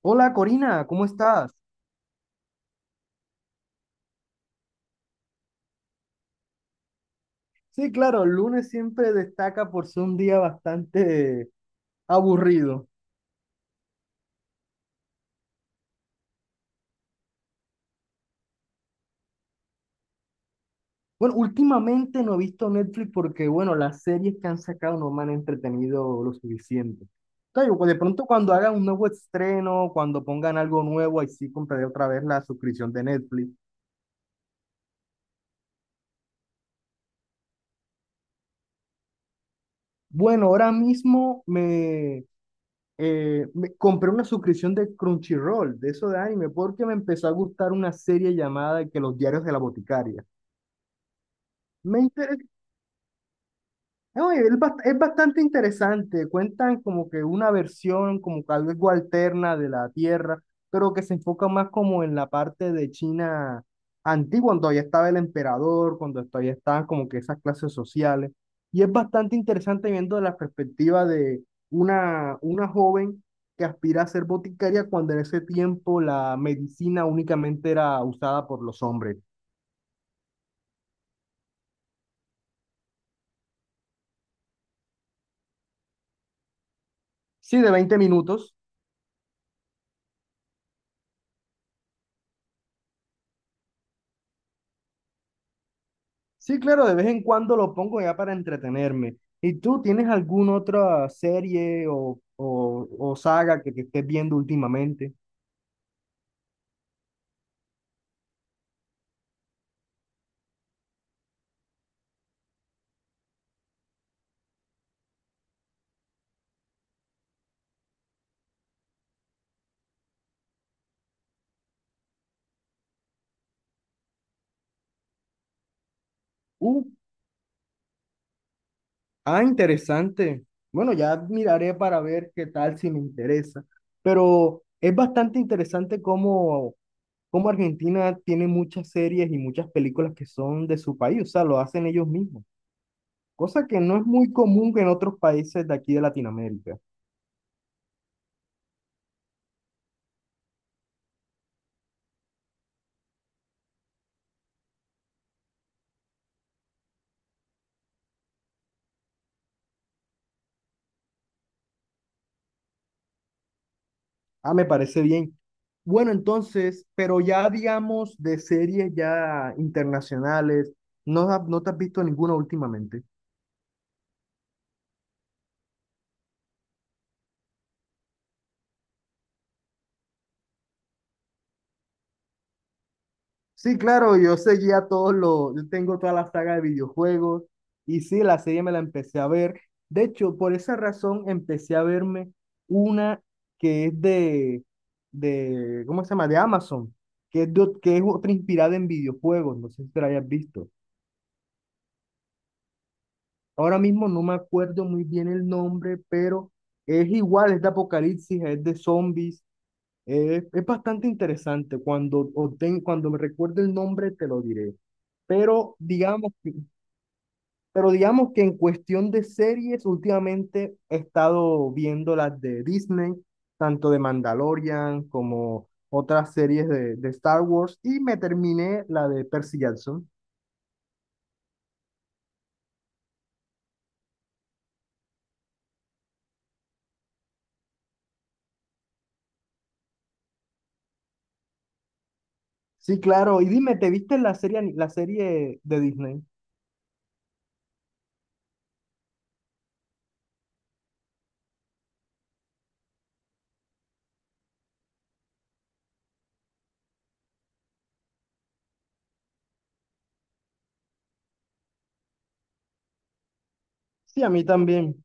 Hola Corina, ¿cómo estás? Sí, claro, el lunes siempre destaca por ser un día bastante aburrido. Bueno, últimamente no he visto Netflix porque, bueno, las series que han sacado no me han entretenido lo suficiente. Entonces, pues, de pronto cuando hagan un nuevo estreno, cuando pongan algo nuevo, ahí sí compraré otra vez la suscripción de Netflix. Bueno, ahora mismo me compré una suscripción de Crunchyroll, de eso de anime, porque me empezó a gustar una serie llamada que Los Diarios de la Boticaria. Me interesa. No, es bastante interesante. Cuentan como que una versión, como que algo alterna de la Tierra, pero que se enfoca más como en la parte de China antigua, cuando todavía estaba el emperador, cuando todavía estaban como que esas clases sociales. Y es bastante interesante viendo la perspectiva de una joven que aspira a ser boticaria cuando en ese tiempo la medicina únicamente era usada por los hombres. Sí, de 20 minutos. Sí, claro, de vez en cuando lo pongo ya para entretenerme. ¿Y tú tienes alguna otra serie o saga que estés viendo últimamente? Uh, ah, interesante. Bueno, ya miraré para ver qué tal si me interesa. Pero es bastante interesante cómo, cómo Argentina tiene muchas series y muchas películas que son de su país, o sea, lo hacen ellos mismos, cosa que no es muy común en otros países de aquí de Latinoamérica. Ah, me parece bien. Bueno, entonces, pero ya digamos de series ya internacionales, ¿ no te has visto ninguna últimamente? Sí, claro, yo seguía todos los, yo tengo toda la saga de videojuegos y sí, la serie me la empecé a ver. De hecho, por esa razón empecé a verme una que es ¿cómo se llama? De Amazon, que que es otra inspirada en videojuegos, no sé si te la hayas visto. Ahora mismo no me acuerdo muy bien el nombre, pero es igual, es de apocalipsis, es de zombies, es bastante interesante. Cuando me recuerde el nombre, te lo diré. Pero digamos, que- pero digamos que en cuestión de series, últimamente he estado viendo las de Disney, tanto de Mandalorian como otras series de Star Wars, y me terminé la de Percy Jackson. Sí, claro. Y dime, ¿te viste la serie, ani- la serie de Disney? Sí, a mí también.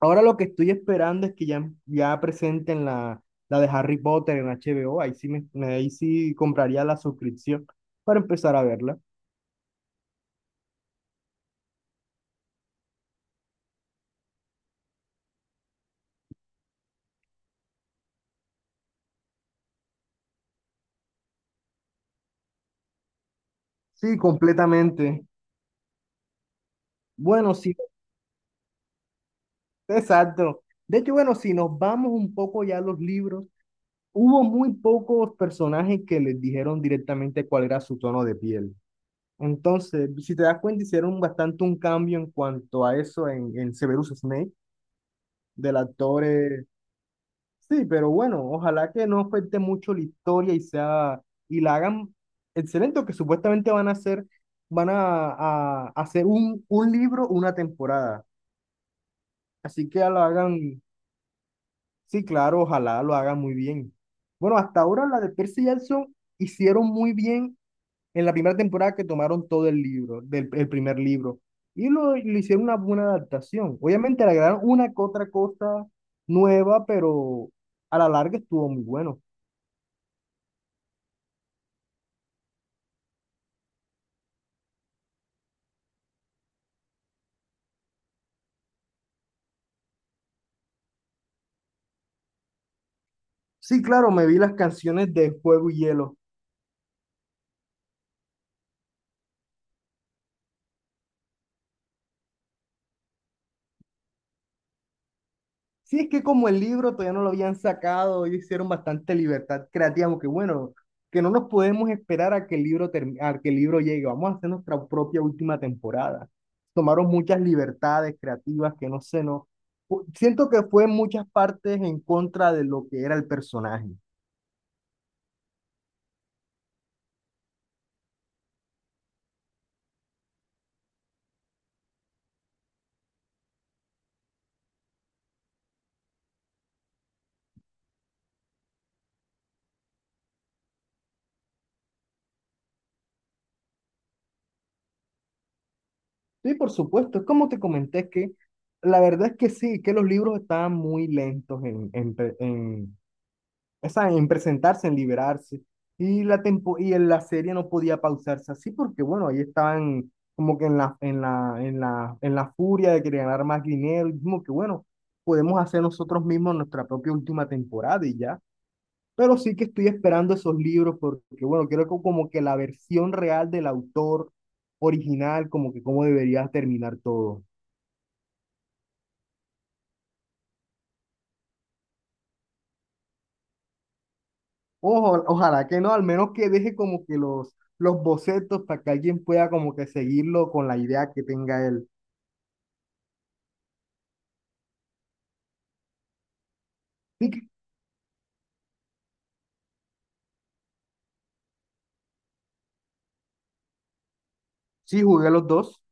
Ahora lo que estoy esperando es que ya presenten la de Harry Potter en HBO. Ahí sí, ahí sí compraría la suscripción para empezar a verla. Sí, completamente. Bueno, sí, exacto. De hecho, bueno, si nos vamos un poco ya a los libros, hubo muy pocos personajes que les dijeron directamente cuál era su tono de piel. Entonces, si te das cuenta, hicieron bastante un cambio en cuanto a eso en Severus Snape, del actor. Sí, pero bueno, ojalá que no afecte mucho la historia y sea, y la hagan excelente, que supuestamente van a hacer, van a, a hacer un libro, una temporada. Así que la hagan, sí, claro, ojalá lo hagan muy bien. Bueno, hasta ahora la de Percy Jackson hicieron muy bien en la primera temporada que tomaron todo el libro, el primer libro, y le hicieron una buena adaptación. Obviamente le agregaron una que otra cosa nueva, pero a la larga estuvo muy bueno. Sí, claro, me vi las canciones de Fuego y Hielo. Sí, es que como el libro todavía no lo habían sacado, ellos hicieron bastante libertad creativa, porque bueno, que no nos podemos esperar a que a que el libro llegue, vamos a hacer nuestra propia última temporada. Tomaron muchas libertades creativas que no sé, no. Siento que fue en muchas partes en contra de lo que era el personaje. Sí, por supuesto, es como te comenté, que la verdad es que sí, que los libros estaban muy lentos en presentarse, en liberarse. Y en la serie no podía pausarse así porque, bueno, ahí estaban como que en la furia de querer ganar más dinero. Y como que, bueno, podemos hacer nosotros mismos nuestra propia última temporada y ya. Pero sí que estoy esperando esos libros porque, bueno, como que la versión real del autor original, como que cómo debería terminar todo. Ojalá que no, al menos que deje como que los bocetos para que alguien pueda como que seguirlo con la idea que tenga él. Sí, que- sí, jugué los dos.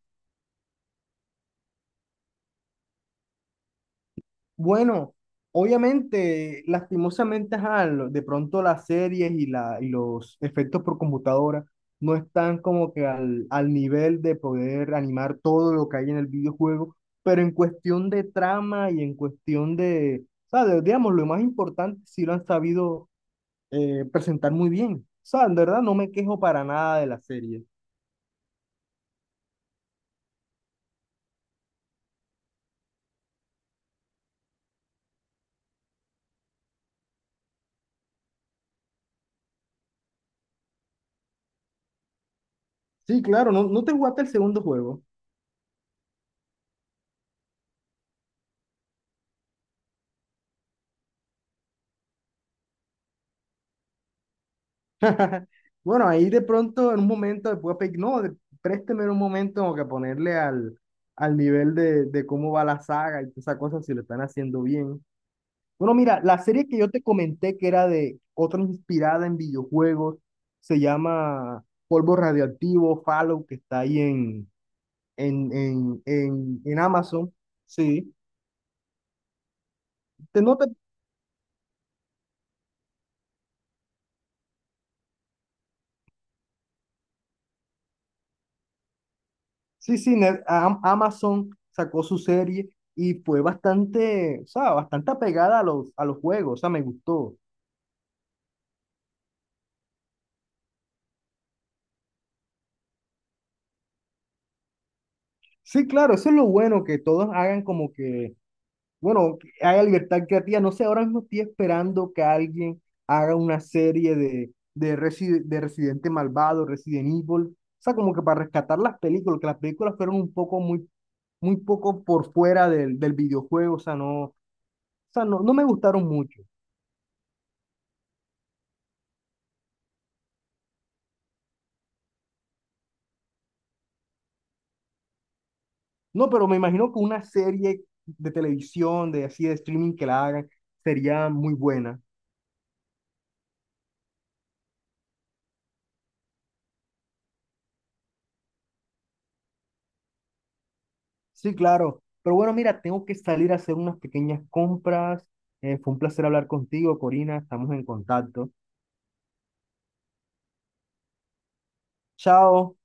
Bueno, obviamente, lastimosamente, ajá, de pronto las series y los efectos por computadora no están como que al nivel de poder animar todo lo que hay en el videojuego, pero en cuestión de trama y en cuestión de, ¿sabes? Digamos, lo más importante sí lo han sabido presentar muy bien. O sea, en verdad no me quejo para nada de la serie. Sí, claro, no, no te jugaste el segundo juego. Bueno, ahí de pronto en un momento después pe- no, de- présteme un momento como que ponerle al nivel de cómo va la saga y todas esas cosas si lo están haciendo bien. Bueno, mira, la serie que yo te comenté que era de otra inspirada en videojuegos, se llama Polvo Radioactivo, Fallout, que está ahí en Amazon. Sí, te, no te Sí, Amazon sacó su serie y fue bastante, o sea, bastante apegada a los juegos, o sea, me gustó. Sí, claro, eso es lo bueno, que todos hagan como que, bueno, que haya libertad creativa. No sé, ahora mismo estoy esperando que alguien haga una serie de Residente Malvado, Resident Evil, o sea, como que para rescatar las películas, que las películas fueron un poco, muy, muy poco por fuera del videojuego, o sea, no, no me gustaron mucho. No, pero me imagino que una serie de televisión, de así de streaming que la hagan, sería muy buena. Sí, claro. Pero bueno, mira, tengo que salir a hacer unas pequeñas compras. Fue un placer hablar contigo, Corina. Estamos en contacto. Chao.